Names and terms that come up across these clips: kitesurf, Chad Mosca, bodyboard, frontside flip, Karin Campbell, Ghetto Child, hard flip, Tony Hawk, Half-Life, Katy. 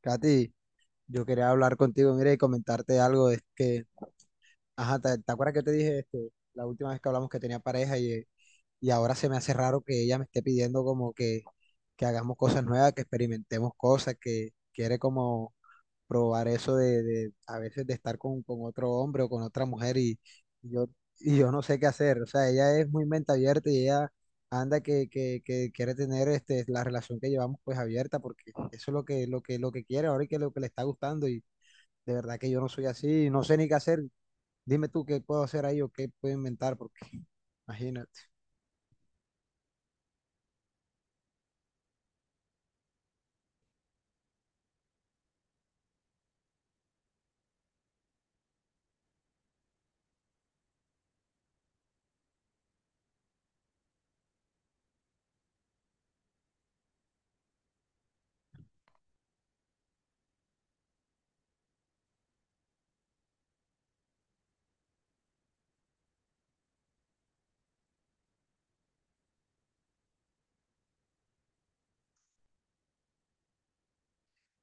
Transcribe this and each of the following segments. Katy, yo quería hablar contigo, mira, y comentarte algo, es que, ajá, ¿te acuerdas que te dije este, la última vez que hablamos que tenía pareja y ahora se me hace raro que ella me esté pidiendo como que hagamos cosas nuevas, que experimentemos cosas, que quiere como probar eso de a veces de estar con otro hombre o con otra mujer y, y yo, y yo no sé qué hacer. O sea, ella es muy mente abierta y ella anda que quiere tener este, la relación que llevamos pues abierta porque eso es lo que quiere ahora y que lo que le está gustando y de verdad que yo no soy así, no sé ni qué hacer. Dime tú qué puedo hacer ahí o qué puedo inventar porque imagínate.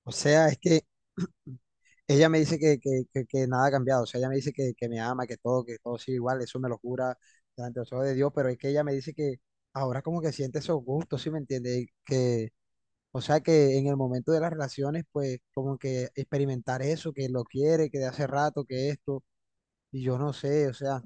O sea, es que ella me dice que nada ha cambiado, o sea, ella me dice que me ama, que todo sigue igual, eso me lo jura delante de los ojos de Dios, pero es que ella me dice que ahora como que siente esos gustos, ¿sí me entiende? Y que, o sea, que en el momento de las relaciones, pues como que experimentar eso, que lo quiere, que de hace rato, que esto, y yo no sé, o sea,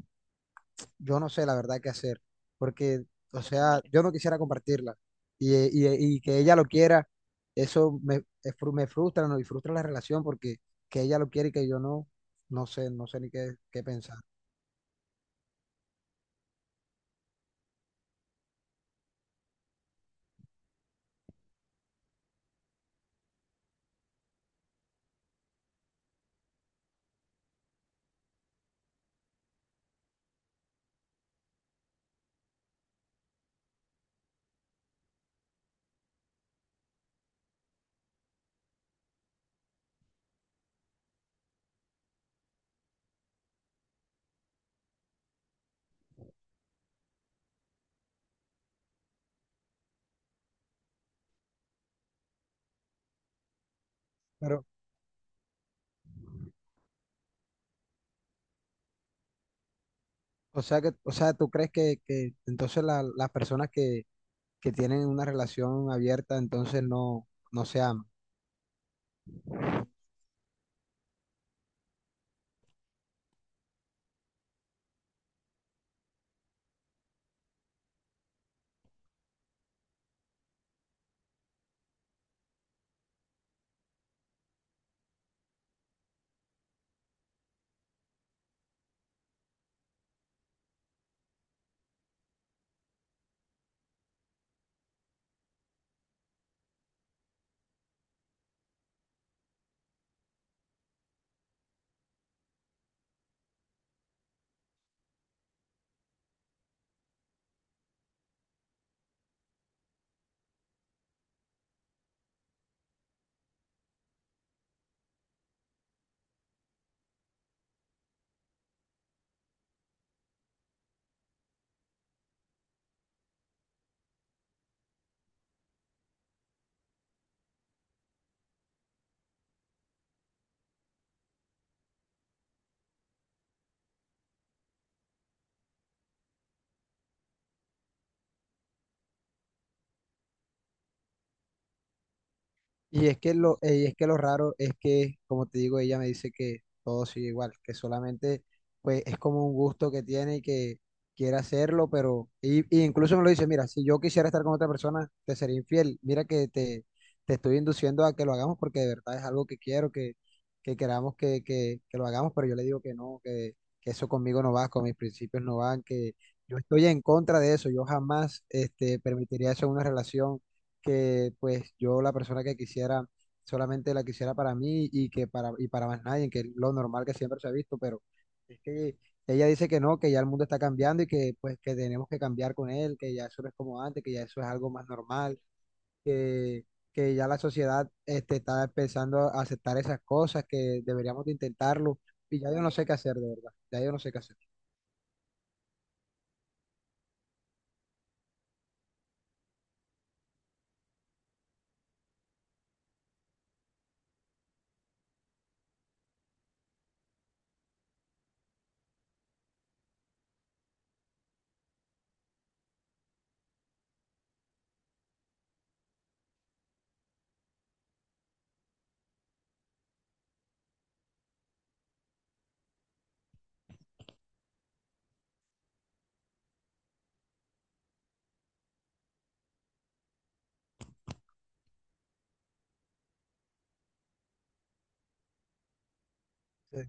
yo no sé la verdad qué hacer, porque, o sea, yo no quisiera compartirla y, y que ella lo quiera, eso me, me frustra, ¿no? Y frustra la relación porque que ella lo quiere y que yo no, no sé, no sé ni qué pensar. Pero, o sea, o sea, ¿tú crees que entonces las personas que tienen una relación abierta entonces no, no se aman? Y es que y es que lo raro es que, como te digo, ella me dice que todo sigue igual, que solamente pues es como un gusto que tiene y que quiere hacerlo, pero, y incluso me lo dice, mira, si yo quisiera estar con otra persona, te sería infiel. Mira te estoy induciendo a que lo hagamos porque de verdad es algo que quiero, que queramos que lo hagamos, pero yo le digo que no, que eso conmigo no va, con mis principios no van, que yo estoy en contra de eso, yo jamás este, permitiría eso en una relación que pues yo la persona que quisiera solamente la quisiera para mí y que para y para más nadie, que es lo normal que siempre se ha visto, pero es que ella dice que no, que ya el mundo está cambiando y que pues que tenemos que cambiar con él, que ya eso no es como antes, que ya eso es algo más normal, que que ya la sociedad este, está empezando a aceptar esas cosas, que deberíamos de intentarlo, y ya yo no sé qué hacer, de verdad, ya yo no sé qué hacer. Se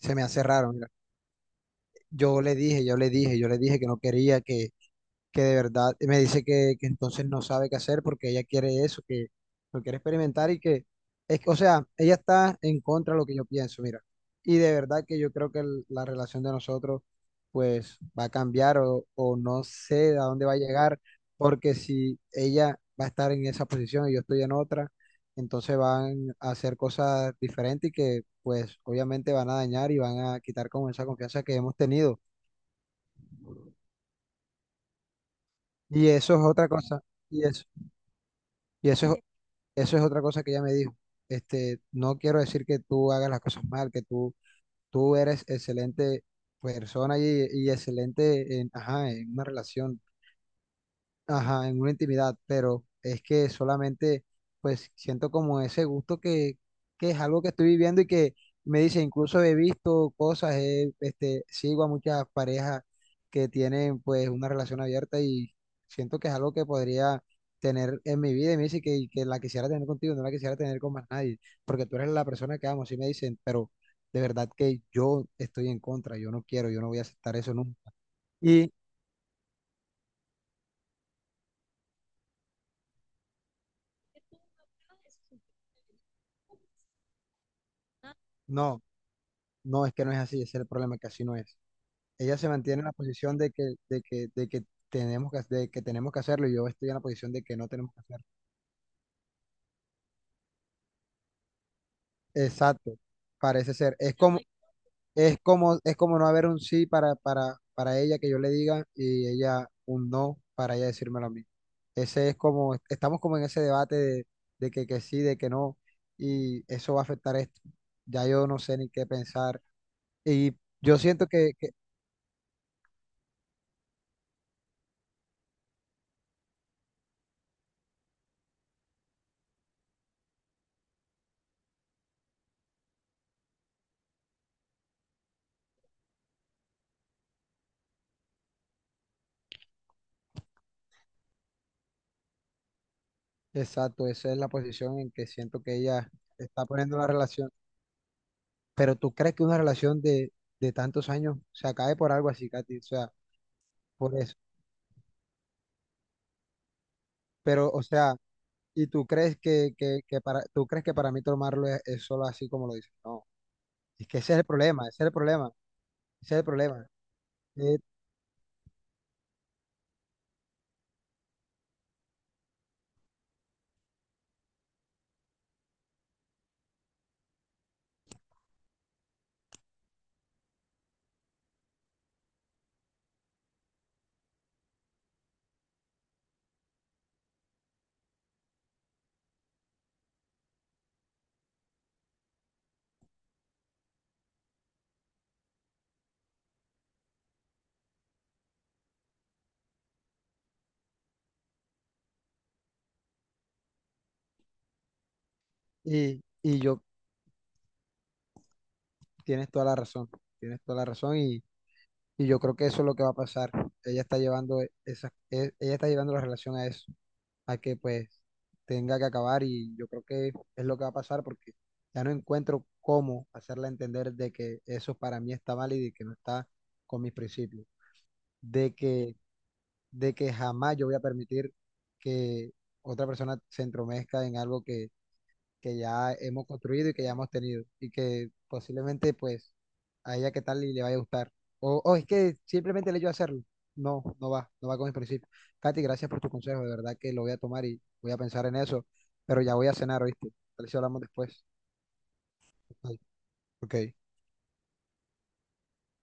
Se me hace raro, mira. Yo le dije que no quería, que de verdad me dice que entonces no sabe qué hacer porque ella quiere eso, que lo quiere experimentar y que, es que, o sea, ella está en contra de lo que yo pienso, mira. Y de verdad que yo creo que la relación de nosotros pues va a cambiar o no sé a dónde va a llegar, porque si ella va a estar en esa posición y yo estoy en otra, entonces van a hacer cosas diferentes y que pues obviamente van a dañar y van a quitar como esa confianza que hemos tenido. Y eso es otra cosa. Y eso. Y eso es, eso es otra cosa que ella me dijo. Este, no quiero decir que tú hagas las cosas mal, tú eres excelente persona y excelente en, ajá, en una relación, ajá, en una intimidad, pero es que solamente pues siento como ese gusto que es algo que estoy viviendo y que me dice, incluso he visto cosas, este, sigo a muchas parejas que tienen pues una relación abierta y siento que es algo que podría tener en mi vida y me dice y que la quisiera tener contigo, no la quisiera tener con más nadie, porque tú eres la persona que amo, sí me dicen, pero de verdad que yo estoy en contra, yo no quiero, yo no voy a aceptar eso nunca. Y no. No, es que no es así, ese es el problema, que así no es. Ella se mantiene en la posición de de que tenemos de que tenemos que hacerlo, y yo estoy en la posición de que no tenemos que hacerlo. Exacto, parece ser. Es como no haber un sí para ella que yo le diga y ella un no para ella decírmelo a mí. Ese es como, estamos como en ese debate de que sí, de que no, y eso va a afectar esto. Ya yo no sé ni qué pensar. Y yo siento exacto, esa es la posición en que siento que ella está poniendo la relación. Pero tú crees que una relación de tantos años se acabe por algo así, Katy, o sea, por eso. Pero, o sea, y tú crees que para, tú crees que para mí tomarlo es solo así como lo dices. No, es que ese es el problema, ese es el problema, ese es el problema. Eh, y yo, tienes toda la razón, tienes toda la razón y yo creo que eso es lo que va a pasar. Ella está llevando ella está llevando la relación a eso, a que pues tenga que acabar y yo creo que es lo que va a pasar porque ya no encuentro cómo hacerla entender de que eso para mí está mal y de que no está con mis principios, de que, de que jamás yo voy a permitir que otra persona se entromezca en algo que ya hemos construido y que ya hemos tenido y que posiblemente pues a ella qué tal y le vaya a gustar. O es que simplemente el hecho de hacerlo. No, no va, no va con mis principios. Katy, gracias por tu consejo, de verdad que lo voy a tomar y voy a pensar en eso, pero ya voy a cenar, ¿oíste? Tal vez si hablamos después. Ok.